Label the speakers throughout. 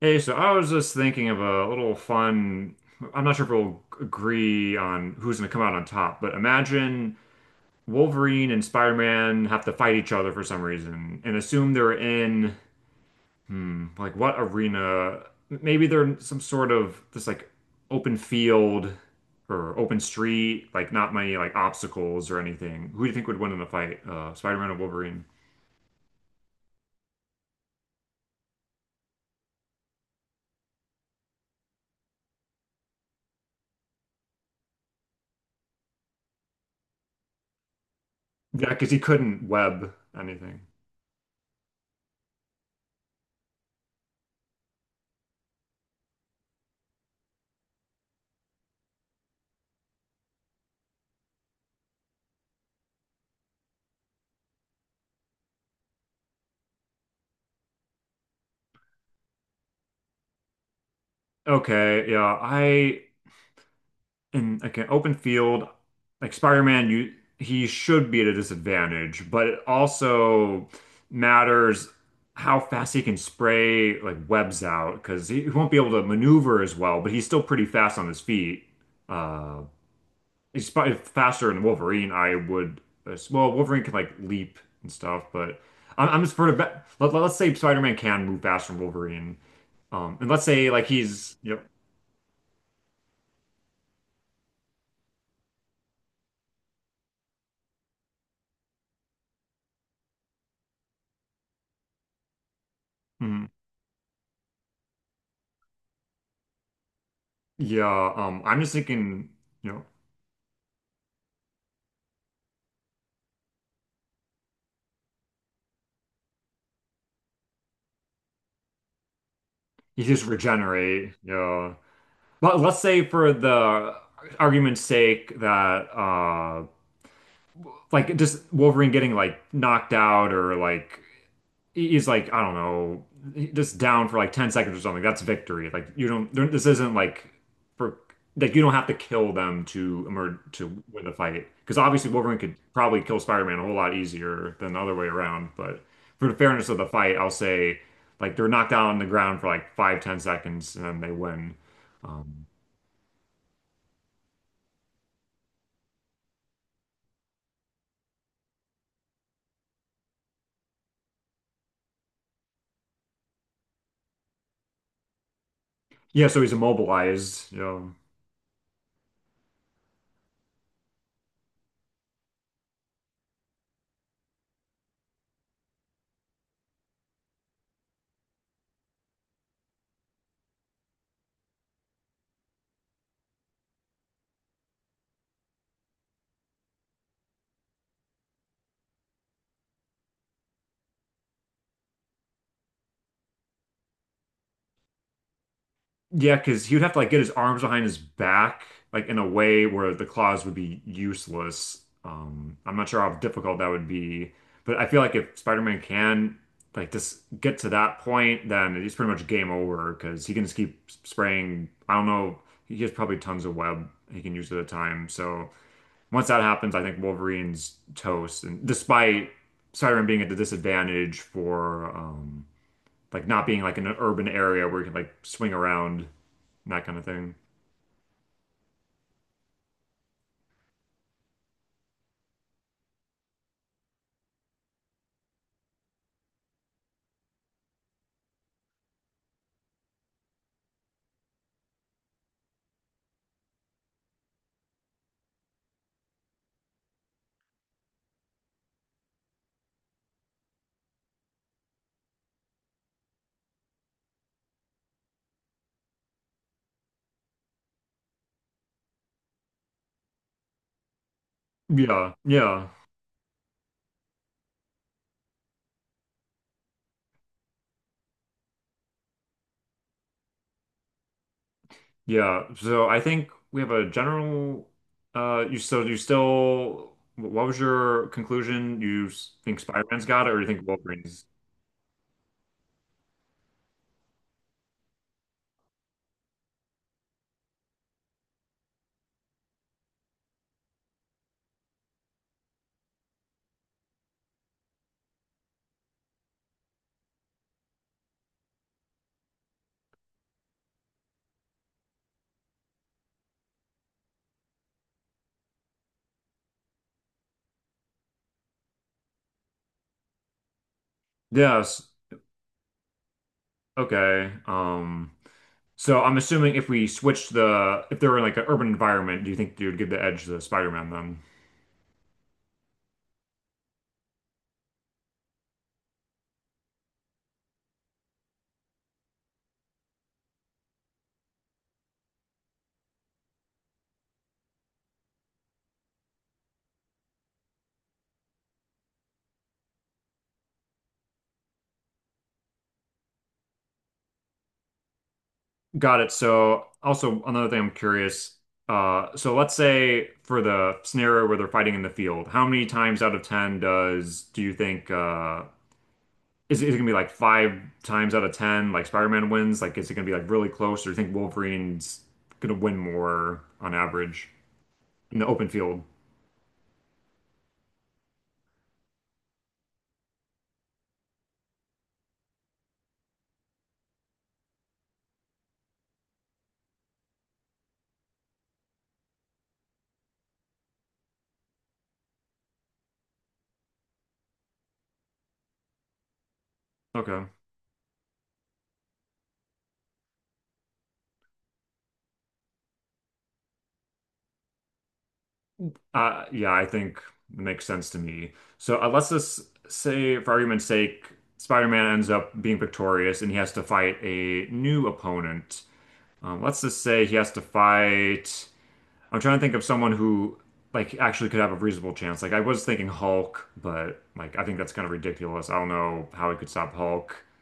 Speaker 1: Hey, so I was just thinking of a little fun. I'm not sure if we'll agree on who's going to come out on top, but imagine Wolverine and Spider-Man have to fight each other for some reason and assume they're in, like what arena? Maybe they're in some sort of just like open field or open street, like not many like obstacles or anything. Who do you think would win in a fight? Spider-Man or Wolverine? Yeah, because he couldn't web anything. Okay, yeah, I in like an open field, like Spider-Man, you he should be at a disadvantage, but it also matters how fast he can spray like webs out because he won't be able to maneuver as well, but he's still pretty fast on his feet. Uh, he's probably faster than Wolverine. Well, Wolverine can like leap and stuff, but I'm just for the bet. Let's say Spider-Man can move faster than Wolverine. And let's say like yep. Mhm. Yeah. I'm just thinking. You know. You just regenerate. But let's say for the argument's sake that like just Wolverine getting like knocked out or like he's like, I don't know, just down for like 10 seconds or something. That's victory. Like you don't, there- this isn't like for like you don't have to kill them to emerge to win the fight. Because obviously Wolverine could probably kill Spider-Man a whole lot easier than the other way around. But for the fairness of the fight, I'll say like they're knocked down on the ground for like 5, 10 seconds and then they win. Yeah, so he's immobilized. Yeah, because he would have to like get his arms behind his back, like in a way where the claws would be useless. I'm not sure how difficult that would be, but I feel like if Spider-Man can like just get to that point, then it's pretty much game over because he can just keep spraying. I don't know. He has probably tons of web he can use at a time. So once that happens, I think Wolverine's toast. And despite Spider-Man being at the disadvantage for like not being like in an urban area where you can like swing around and that kind of thing. Yeah, yeah, yeah. So I think we have a general. You so you still. What was your conclusion? You think Spider-Man's got it, or you think Wolverine's? Yes. Okay. So I'm assuming if we switched the if they were in like an urban environment, do you think you would give the edge to Spider-Man then? Got it. So also another thing I'm curious, so let's say for the scenario where they're fighting in the field, how many times out of 10 does do you think is it gonna be like five times out of 10 like Spider-Man wins? Like is it gonna be like really close or do you think Wolverine's gonna win more on average in the open field? Okay. Yeah, I think it makes sense to me. So let's just say, for argument's sake, Spider-Man ends up being victorious and he has to fight a new opponent. Let's just say he has to fight. I'm trying to think of someone who like actually could have a reasonable chance. Like I was thinking Hulk, but like I think that's kind of ridiculous. I don't know how he could stop Hulk.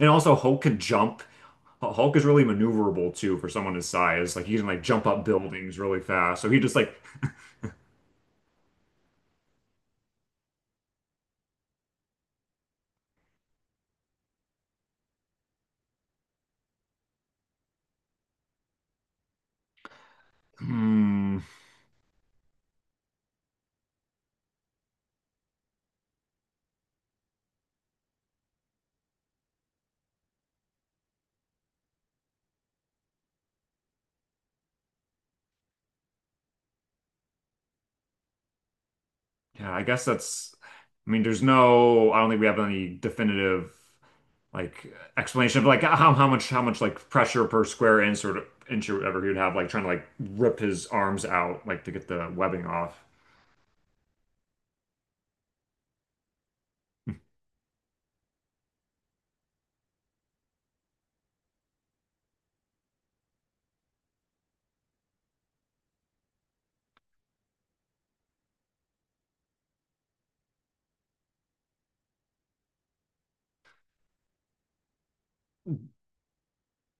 Speaker 1: And also Hulk can jump. Hulk is really maneuverable too for someone his size. Like he can like jump up buildings really fast. So he just like hmm. Yeah, I guess that's, I mean, there's no, I don't think we have any definitive like explanation of like how much like pressure per square inch or whatever he would have like trying to like rip his arms out like to get the webbing off.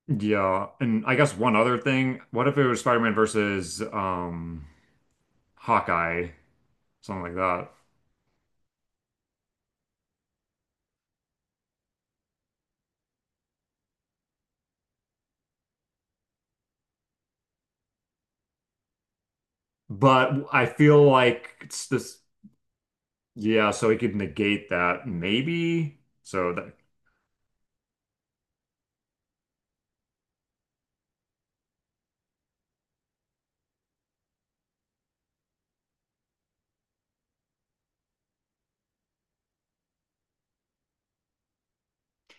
Speaker 1: Yeah, and I guess one other thing, what if it was Spider-Man versus Hawkeye, something like that. But I feel like it's this yeah, so he could negate that maybe. So that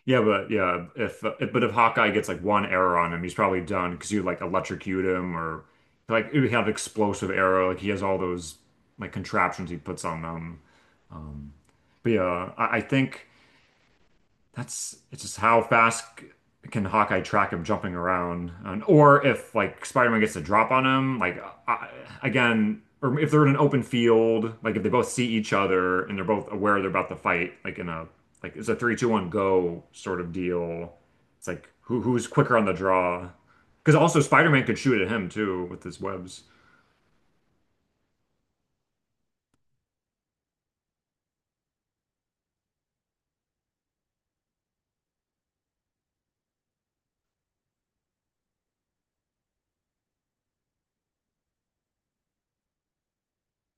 Speaker 1: Yeah, but yeah, if Hawkeye gets like one arrow on him, he's probably done because you like electrocute him or like you have explosive arrow. Like he has all those like contraptions he puts on them. But yeah, I think. That's it's just how fast can Hawkeye track him jumping around, or if like Spider-Man gets a drop on him, like I, again, or if they're in an open field, like if they both see each other and they're both aware they're about to fight, like in a like it's a three, two, one, go sort of deal. It's like who's quicker on the draw? Because also Spider-Man could shoot at him too with his webs.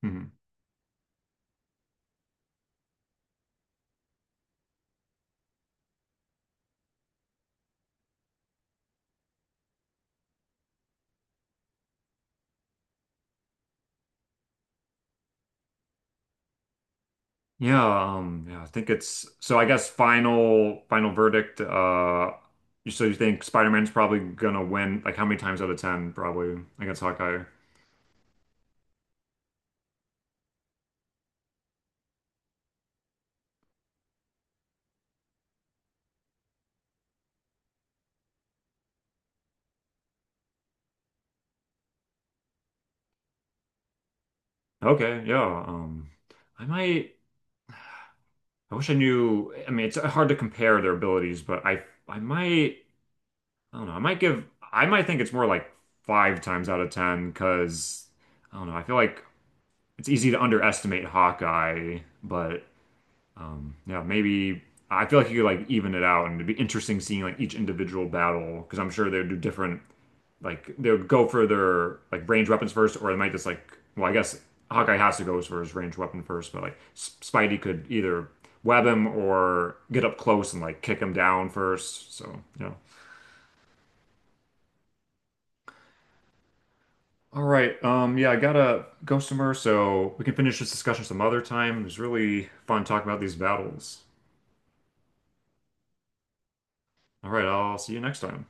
Speaker 1: Hmm. Yeah, yeah, I think it's so I guess final verdict, so you think Spider-Man's probably gonna win like how many times out of 10 probably against Hawkeye? Okay, yeah. Um I might I wish I knew, I mean it's hard to compare their abilities, but I might I don't know, I might think it's more like five times out of 10 because I don't know, I feel like it's easy to underestimate Hawkeye, but Yeah, maybe I feel like you could like even it out, and it'd be interesting seeing like each individual battle because I'm sure they'd do different. Like they would go for their like range weapons first, or they might just like well, I guess Hawkeye has to go for his range weapon first, but like Spidey could either web him or get up close and like kick him down first. So yeah. All right. Yeah, I gotta go somewhere, so we can finish this discussion some other time. It was really fun talking about these battles. All right. I'll see you next time.